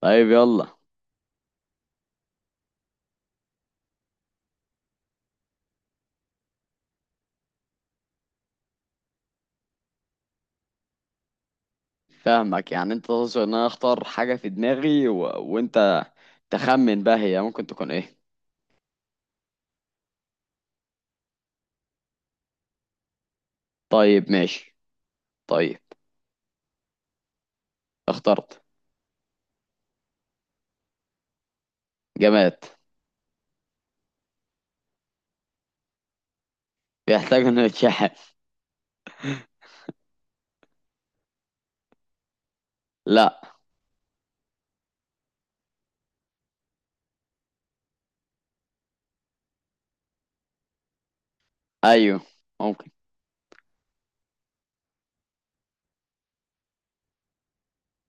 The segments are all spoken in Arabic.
طيب، يلا. فاهمك، يعني انت تقصد ان انا اختار حاجة في دماغي و... وانت تخمن بقى هي ممكن تكون ايه. طيب ماشي. طيب اخترت جماد. بيحتاج انه يتشحن؟ لا. ايوه ممكن.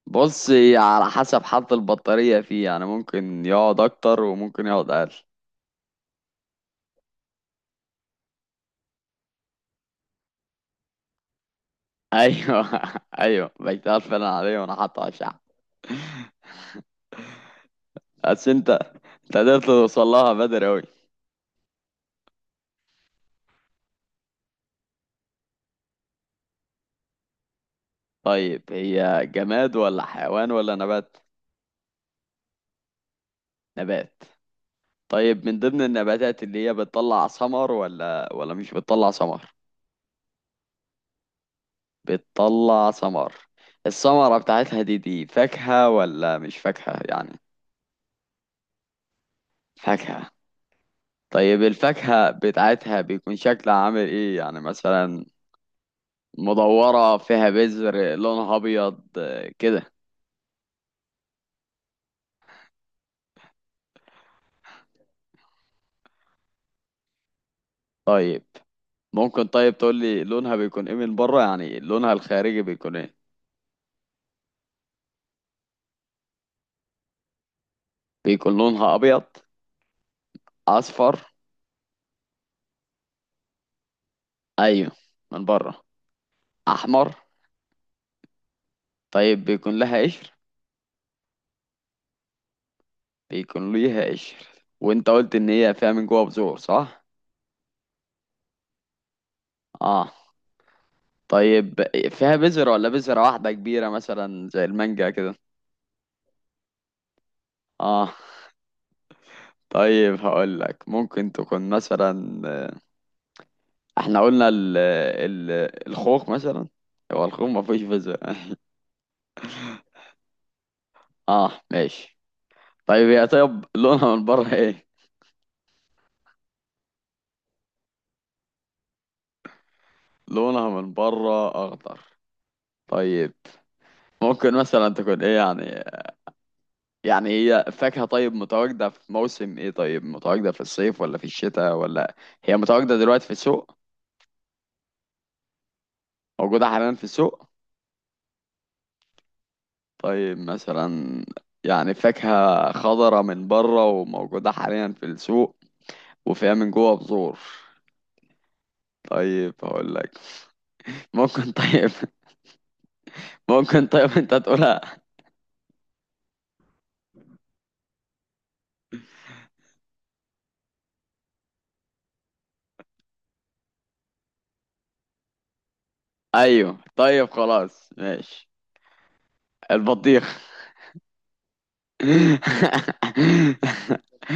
بص، هي على حسب حالة البطارية فيه، يعني ممكن يقعد اكتر وممكن يقعد اقل. ايوه. ايوه، بيشتغل فعلا عليه وانا حاطه على الشحن. بس انت، انت قدرت توصل لها بدري اوي. طيب هي جماد ولا حيوان ولا نبات؟ نبات. طيب من ضمن النباتات اللي هي بتطلع ثمر ولا مش بتطلع ثمر؟ بتطلع ثمر. الثمرة بتاعتها دي فاكهة ولا مش فاكهة يعني؟ فاكهة. طيب الفاكهة بتاعتها بيكون شكلها عامل ايه يعني، مثلا مدورة، فيها بذر، لونها ابيض آه، كده. طيب ممكن طيب تقول لي لونها بيكون ايه من بره، يعني لونها الخارجي بيكون ايه؟ بيكون لونها ابيض؟ اصفر؟ ايوه من بره. احمر؟ طيب بيكون لها قشر؟ بيكون ليها قشر. وانت قلت ان هي فيها من جوه بذور، صح؟ اه. طيب فيها بذرة ولا بذرة واحدة كبيرة مثلا زي المانجا كده؟ اه طيب هقول لك ممكن تكون مثلا احنا قلنا ال ال الخوخ مثلا هو الخوخ ما فيهوش بذرة اه ماشي. طيب هي طيب لونها من بره ايه؟ لونها من بره اخضر. طيب ممكن مثلا تكون ايه يعني، يعني هي فاكهة، طيب متواجدة في موسم ايه؟ طيب متواجدة في الصيف ولا في الشتاء ولا؟ هي متواجدة دلوقتي في السوق؟ موجودة حاليا في السوق. طيب مثلا، يعني فاكهة خضرة من بره وموجودة حاليا في السوق وفيها من جوه بذور. طيب هقول لك. ممكن طيب ممكن طيب انت تقولها. ايوه طيب خلاص ماشي، البطيخ.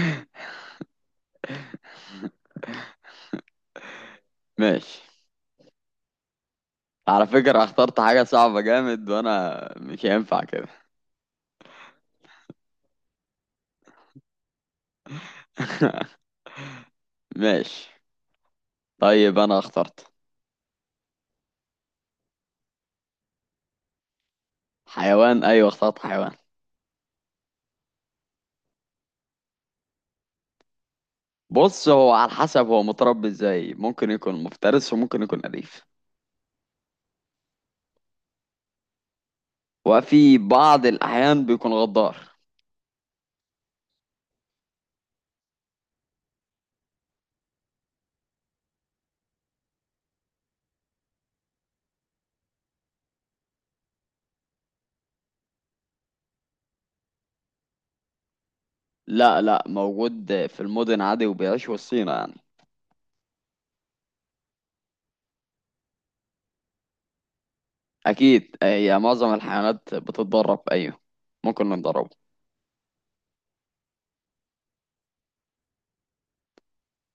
ماشي. على فكرة اخترت حاجة صعبة جامد وانا مش هينفع كده. ماشي. طيب انا اخترت حيوان. ايوه اخترت حيوان. بص، هو على حسب هو متربي ازاي، ممكن يكون مفترس وممكن يكون اليف. وفي بعض الاحيان بيكون غدار. لا لا، موجود في المدن عادي وبيعيش وسطينا يعني. اكيد، هي معظم الحيوانات بتتدرب، ايوه. ممكن نضربه.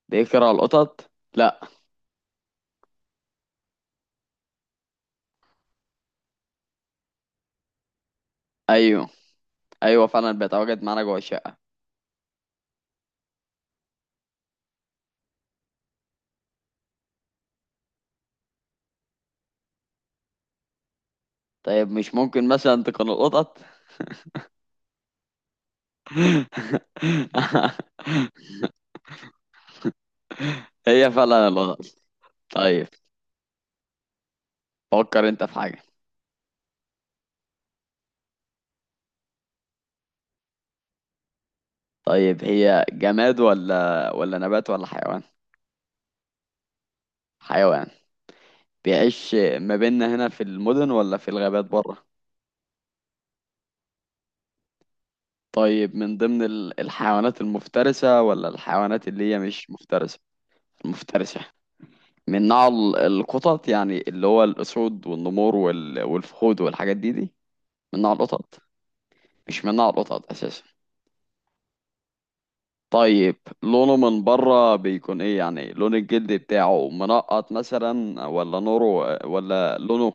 بيكره القطط؟ لا. ايوه. ايوه فعلا بيتواجد معانا جوه الشقة. طيب مش ممكن مثلا تكون القطط؟ هي فعلا الغلط. طيب فكر انت في حاجة. طيب هي جماد ولا نبات ولا حيوان؟ حيوان. بيعيش ما بيننا هنا في المدن ولا في الغابات بره؟ طيب من ضمن الحيوانات المفترسة ولا الحيوانات اللي هي مش مفترسة؟ المفترسة. من نوع القطط، يعني اللي هو الأسود والنمور والفهود والحاجات دي، من نوع القطط؟ مش من نوع القطط أساسا؟ طيب لونه من بره بيكون ايه، يعني لون الجلد بتاعه منقط مثلا ولا نوره ولا لونه؟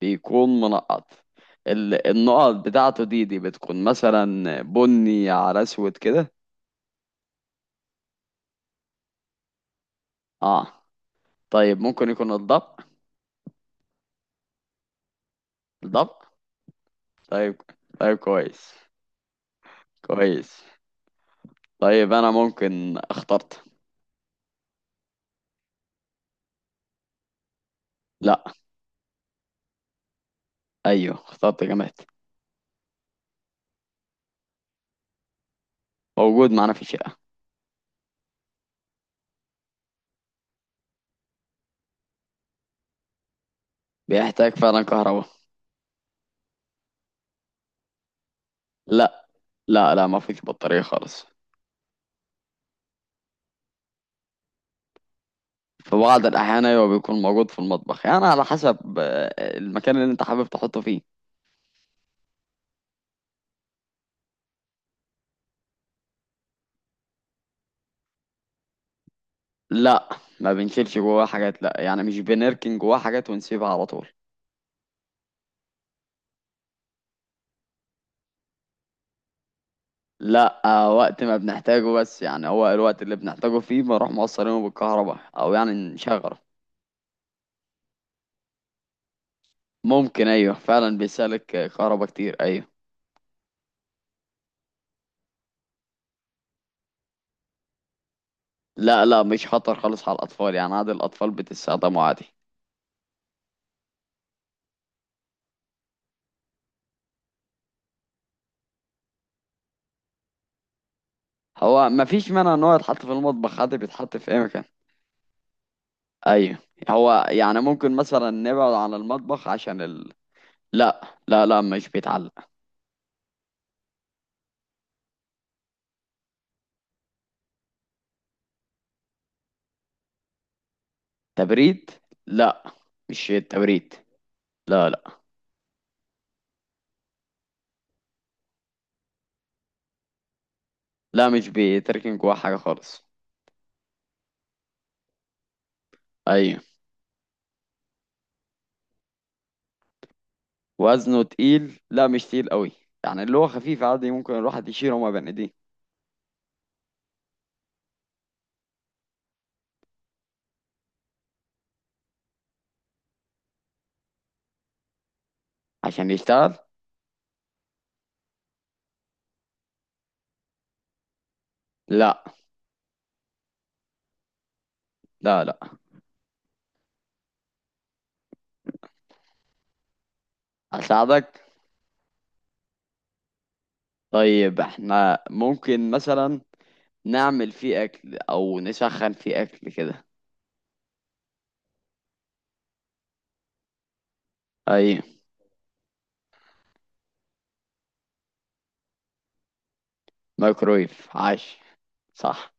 بيكون منقط. النقط بتاعته دي بتكون مثلا بني على اسود كده؟ اه. طيب ممكن يكون الضبع؟ الضبع. طيب، طيب كويس. كويس. طيب انا ممكن اخترت. لا. ايوه اخترت جماد. موجود معانا في الشقة. بيحتاج فعلا كهرباء. لا لا لا، ما فيش بطارية خالص. في بعض الأحيان أيوة بيكون موجود في المطبخ، يعني على حسب آه، المكان اللي أنت حابب تحطه فيه. لا ما بنشيلش جواه حاجات، لا، يعني مش بنركن جواه حاجات ونسيبها على طول. لا آه، وقت ما بنحتاجه بس، يعني هو الوقت اللي بنحتاجه فيه بنروح موصلينه بالكهرباء أو يعني نشغله. ممكن، أيوة فعلا بيسالك آه، كهرباء كتير، أيوة. لا لا، مش خطر خالص على الأطفال، يعني عادي الأطفال بتستخدمه عادي. هو مفيش مانع إن هو يتحط في المطبخ عادي، بيتحط في أي مكان. ايوه، هو يعني ممكن مثلا نبعد عن المطبخ عشان ال... لا لا لا مش بيتعلق. تبريد؟ لا، مش التبريد. لا لا لا مش بيتركن جواه حاجة خالص. ايوه. وزنه تقيل؟ لا مش تقيل قوي، يعني اللي هو خفيف عادي ممكن الواحد يشيله وما بين ايديه. عشان يشتغل. لا لا لا. اساعدك؟ طيب احنا ممكن مثلا نعمل فيه اكل او نسخن فيه اكل كده. ايوه، مايكرويف. عاش. صح.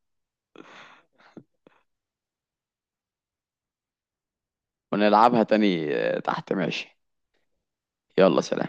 ونلعبها تاني آه، تحت، ماشي. يلا، سلام.